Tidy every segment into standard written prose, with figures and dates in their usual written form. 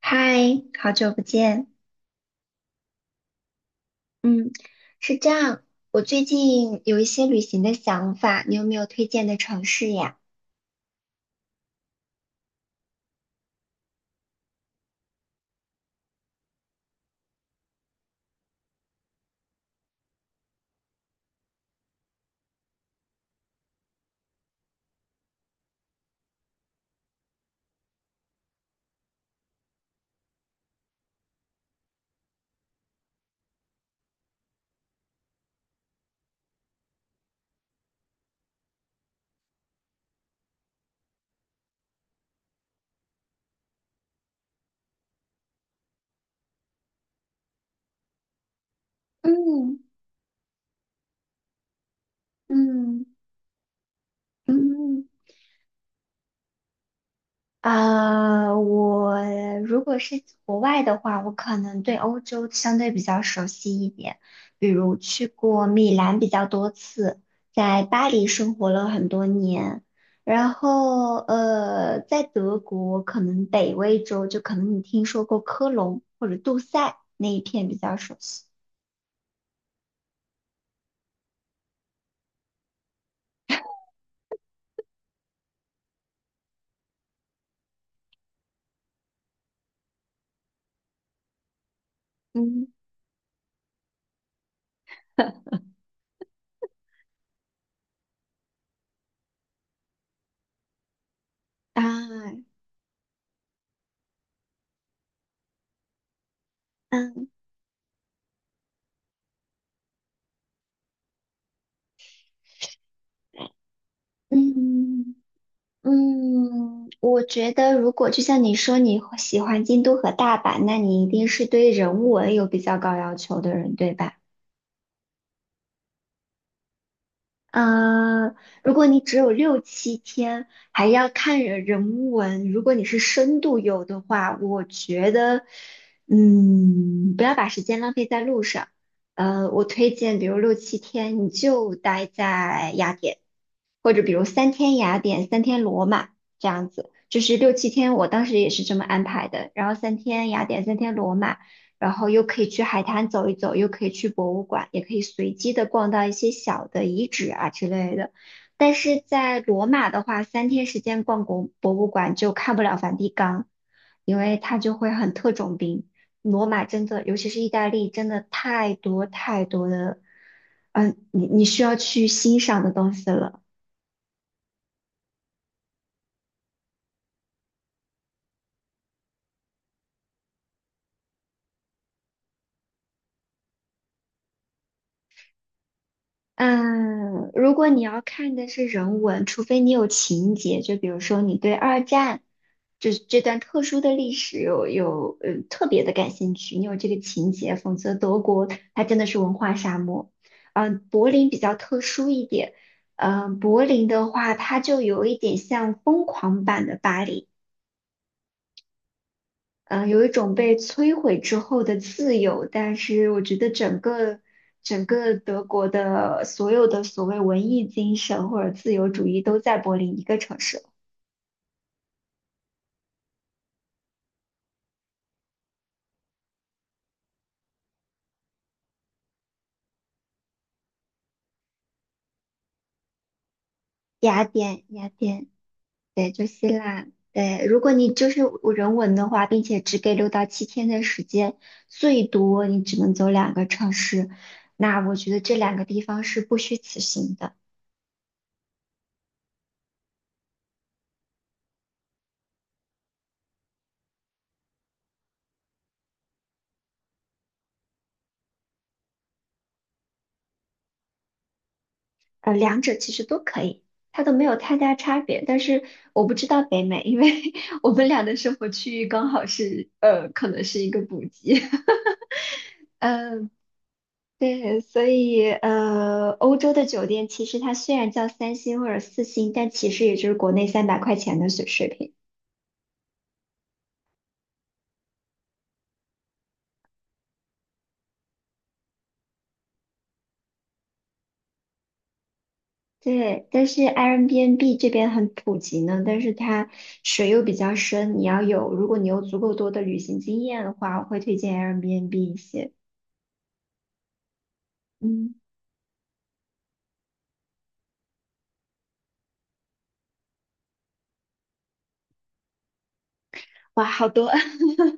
嗨，好久不见。嗯，是这样，我最近有一些旅行的想法，你有没有推荐的城市呀？嗯嗯嗯，我如果是国外的话，我可能对欧洲相对比较熟悉一点，比如去过米兰比较多次，在巴黎生活了很多年，然后在德国可能北威州就可能你听说过科隆或者杜塞那一片比较熟悉。嗯啊，嗯嗯。我觉得如果就像你说你会喜欢京都和大阪，那你一定是对人文有比较高要求的人，对吧？嗯，如果你只有六七天，还要看人文，如果你是深度游的话，我觉得，不要把时间浪费在路上。我推荐，比如六七天，你就待在雅典。或者比如三天雅典、三天罗马这样子，就是六七天，我当时也是这么安排的。然后三天雅典、三天罗马，然后又可以去海滩走一走，又可以去博物馆，也可以随机的逛到一些小的遗址啊之类的。但是在罗马的话，3天时间逛国博物馆就看不了梵蒂冈，因为它就会很特种兵。罗马真的，尤其是意大利，真的太多太多的，你需要去欣赏的东西了。嗯，如果你要看的是人文，除非你有情节，就比如说你对二战这段特殊的历史有特别的感兴趣，你有这个情节，否则德国它真的是文化沙漠。柏林比较特殊一点，柏林的话，它就有一点像疯狂版的巴黎。嗯，有一种被摧毁之后的自由，但是我觉得整个德国的所有的所谓文艺精神或者自由主义都在柏林一个城市，雅典，雅典，对，就希腊，对，如果你就是人文的话，并且只给6到7天的时间，最多你只能走两个城市，那我觉得这两个地方是不虚此行的。两者其实都可以，它都没有太大差别。但是我不知道北美，因为 我们俩的生活区域刚好是，可能是一个补给。嗯，对，所以欧洲的酒店其实它虽然叫3星或者4星，但其实也就是国内300块钱的水平。对，但是 Airbnb 这边很普及呢，但是它水又比较深，你要有，如果你有足够多的旅行经验的话，我会推荐 Airbnb 一些。嗯，哇，好多。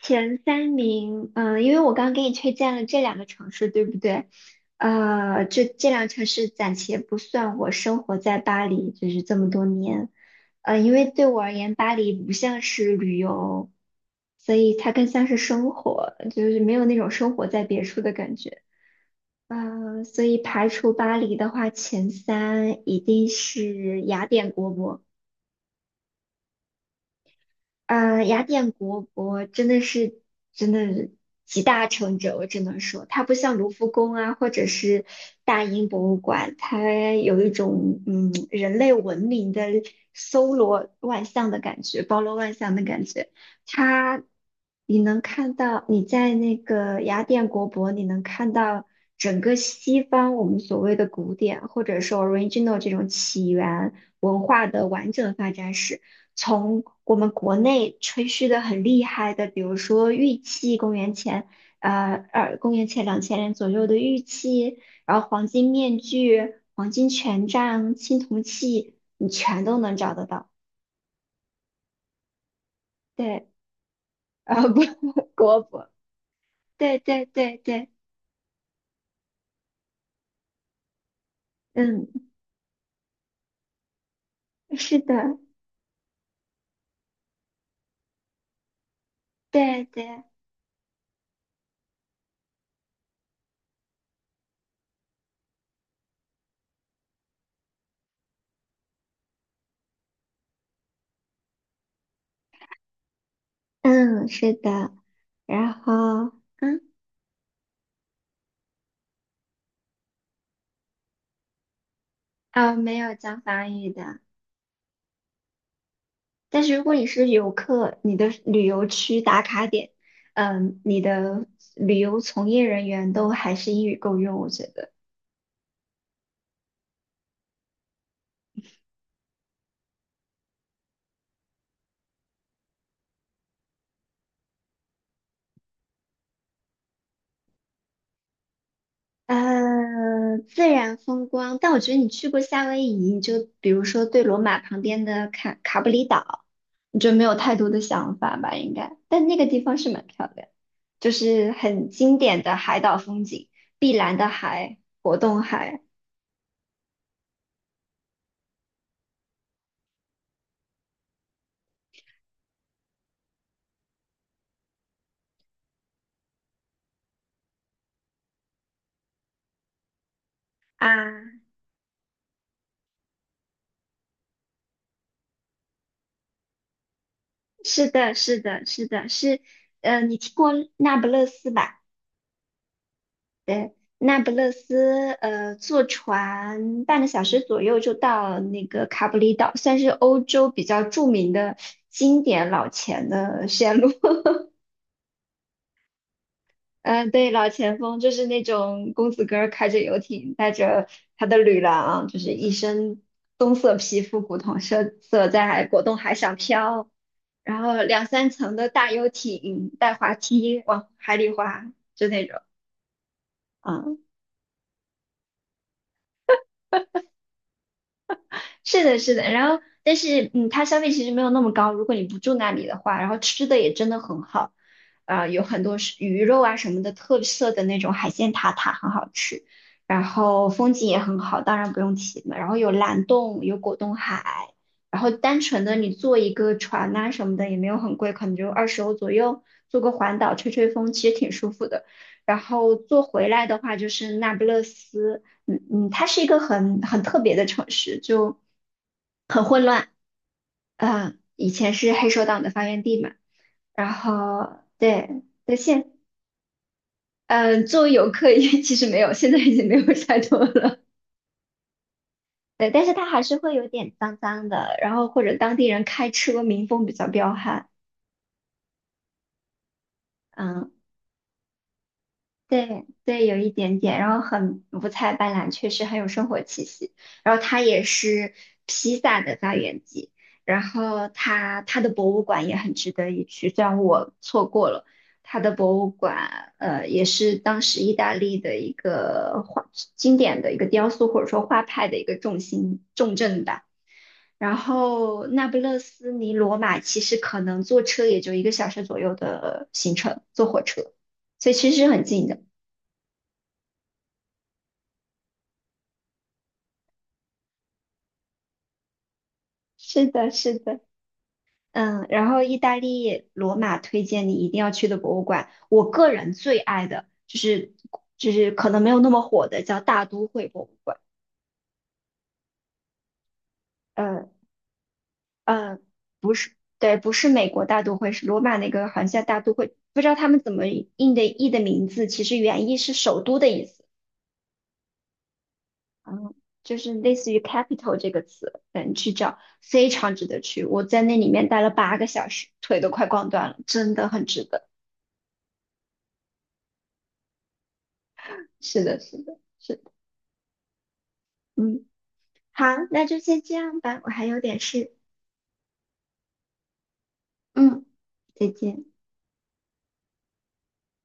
前三名，因为我刚刚给你推荐了这两个城市，对不对？这两个城市暂且不算我生活在巴黎，就是这么多年，因为对我而言，巴黎不像是旅游，所以它更像是生活，就是没有那种生活在别处的感觉。所以排除巴黎的话，前三一定是雅典国博。雅典国博真的是集大成者，我只能说，它不像卢浮宫啊，或者是大英博物馆，它有一种人类文明的搜罗万象的感觉，包罗万象的感觉。它你能看到，你在那个雅典国博，你能看到整个西方我们所谓的古典，或者说 original 这种起源文化的完整发展史。从我们国内吹嘘的很厉害的，比如说玉器，公元前2000年左右的玉器，然后黄金面具、黄金权杖、青铜器，你全都能找得到。对，啊不，国博，对对对对，嗯，是的，对对，嗯，是的，然后嗯没有讲法语的。但是如果你是游客，你的旅游区打卡点，你的旅游从业人员都还是英语够用，我觉得。自然风光，但我觉得你去过夏威夷，你就比如说对罗马旁边的卡布里岛，你就没有太多的想法吧，应该。但那个地方是蛮漂亮，就是很经典的海岛风景，碧蓝的海，果冻海啊。是的，是的，是的，是，你听过那不勒斯吧？对，那不勒斯，坐船半个小时左右就到那个卡布里岛，算是欧洲比较著名的经典老钱的线路。嗯、对，老钱风就是那种公子哥儿开着游艇，带着他的女郎，就是一身棕色皮肤，古铜色在果冻海上飘，然后两三层的大游艇带滑梯往海里滑，就那种，啊，是的，是的，然后但是它消费其实没有那么高，如果你不住那里的话，然后吃的也真的很好，有很多是鱼肉啊什么的特色的那种海鲜塔塔很好吃，然后风景也很好，当然不用提了，然后有蓝洞，有果冻海，然后单纯的你坐一个船呐、什么的也没有很贵，可能就20欧左右，坐个环岛吹吹风，其实挺舒服的。然后坐回来的话就是那不勒斯。嗯，它是一个很特别的城市，就很混乱，以前是黑手党的发源地嘛，然后对，对，作为游客也其实没有，现在已经没有太多了，对，但是它还是会有点脏脏的，然后或者当地人开车民风比较彪悍，嗯、对对，有一点点，然后很五彩斑斓，确实很有生活气息。然后它也是披萨的发源地，然后它的博物馆也很值得一去，虽然我错过了它的博物馆，也是当时意大利的一个画经典的一个雕塑或者说画派的一个重镇吧。然后那不勒斯离罗马其实可能坐车也就一个小时左右的行程，坐火车。所以其实是很近的。是的，是的，然后意大利罗马推荐你一定要去的博物馆，我个人最爱的就是可能没有那么火的叫大都会博物馆，呃呃，不是，对，不是美国大都会，是罗马那个好像叫大都会，不知道他们怎么印的译的名字，其实原意是首都的意思，嗯，就是类似于 capital 这个词，去找非常值得去，我在那里面待了8个小时，腿都快逛断了，真的很值得，是的，是的。是的嗯，好，那就先这样吧，我还有点事。嗯，再见。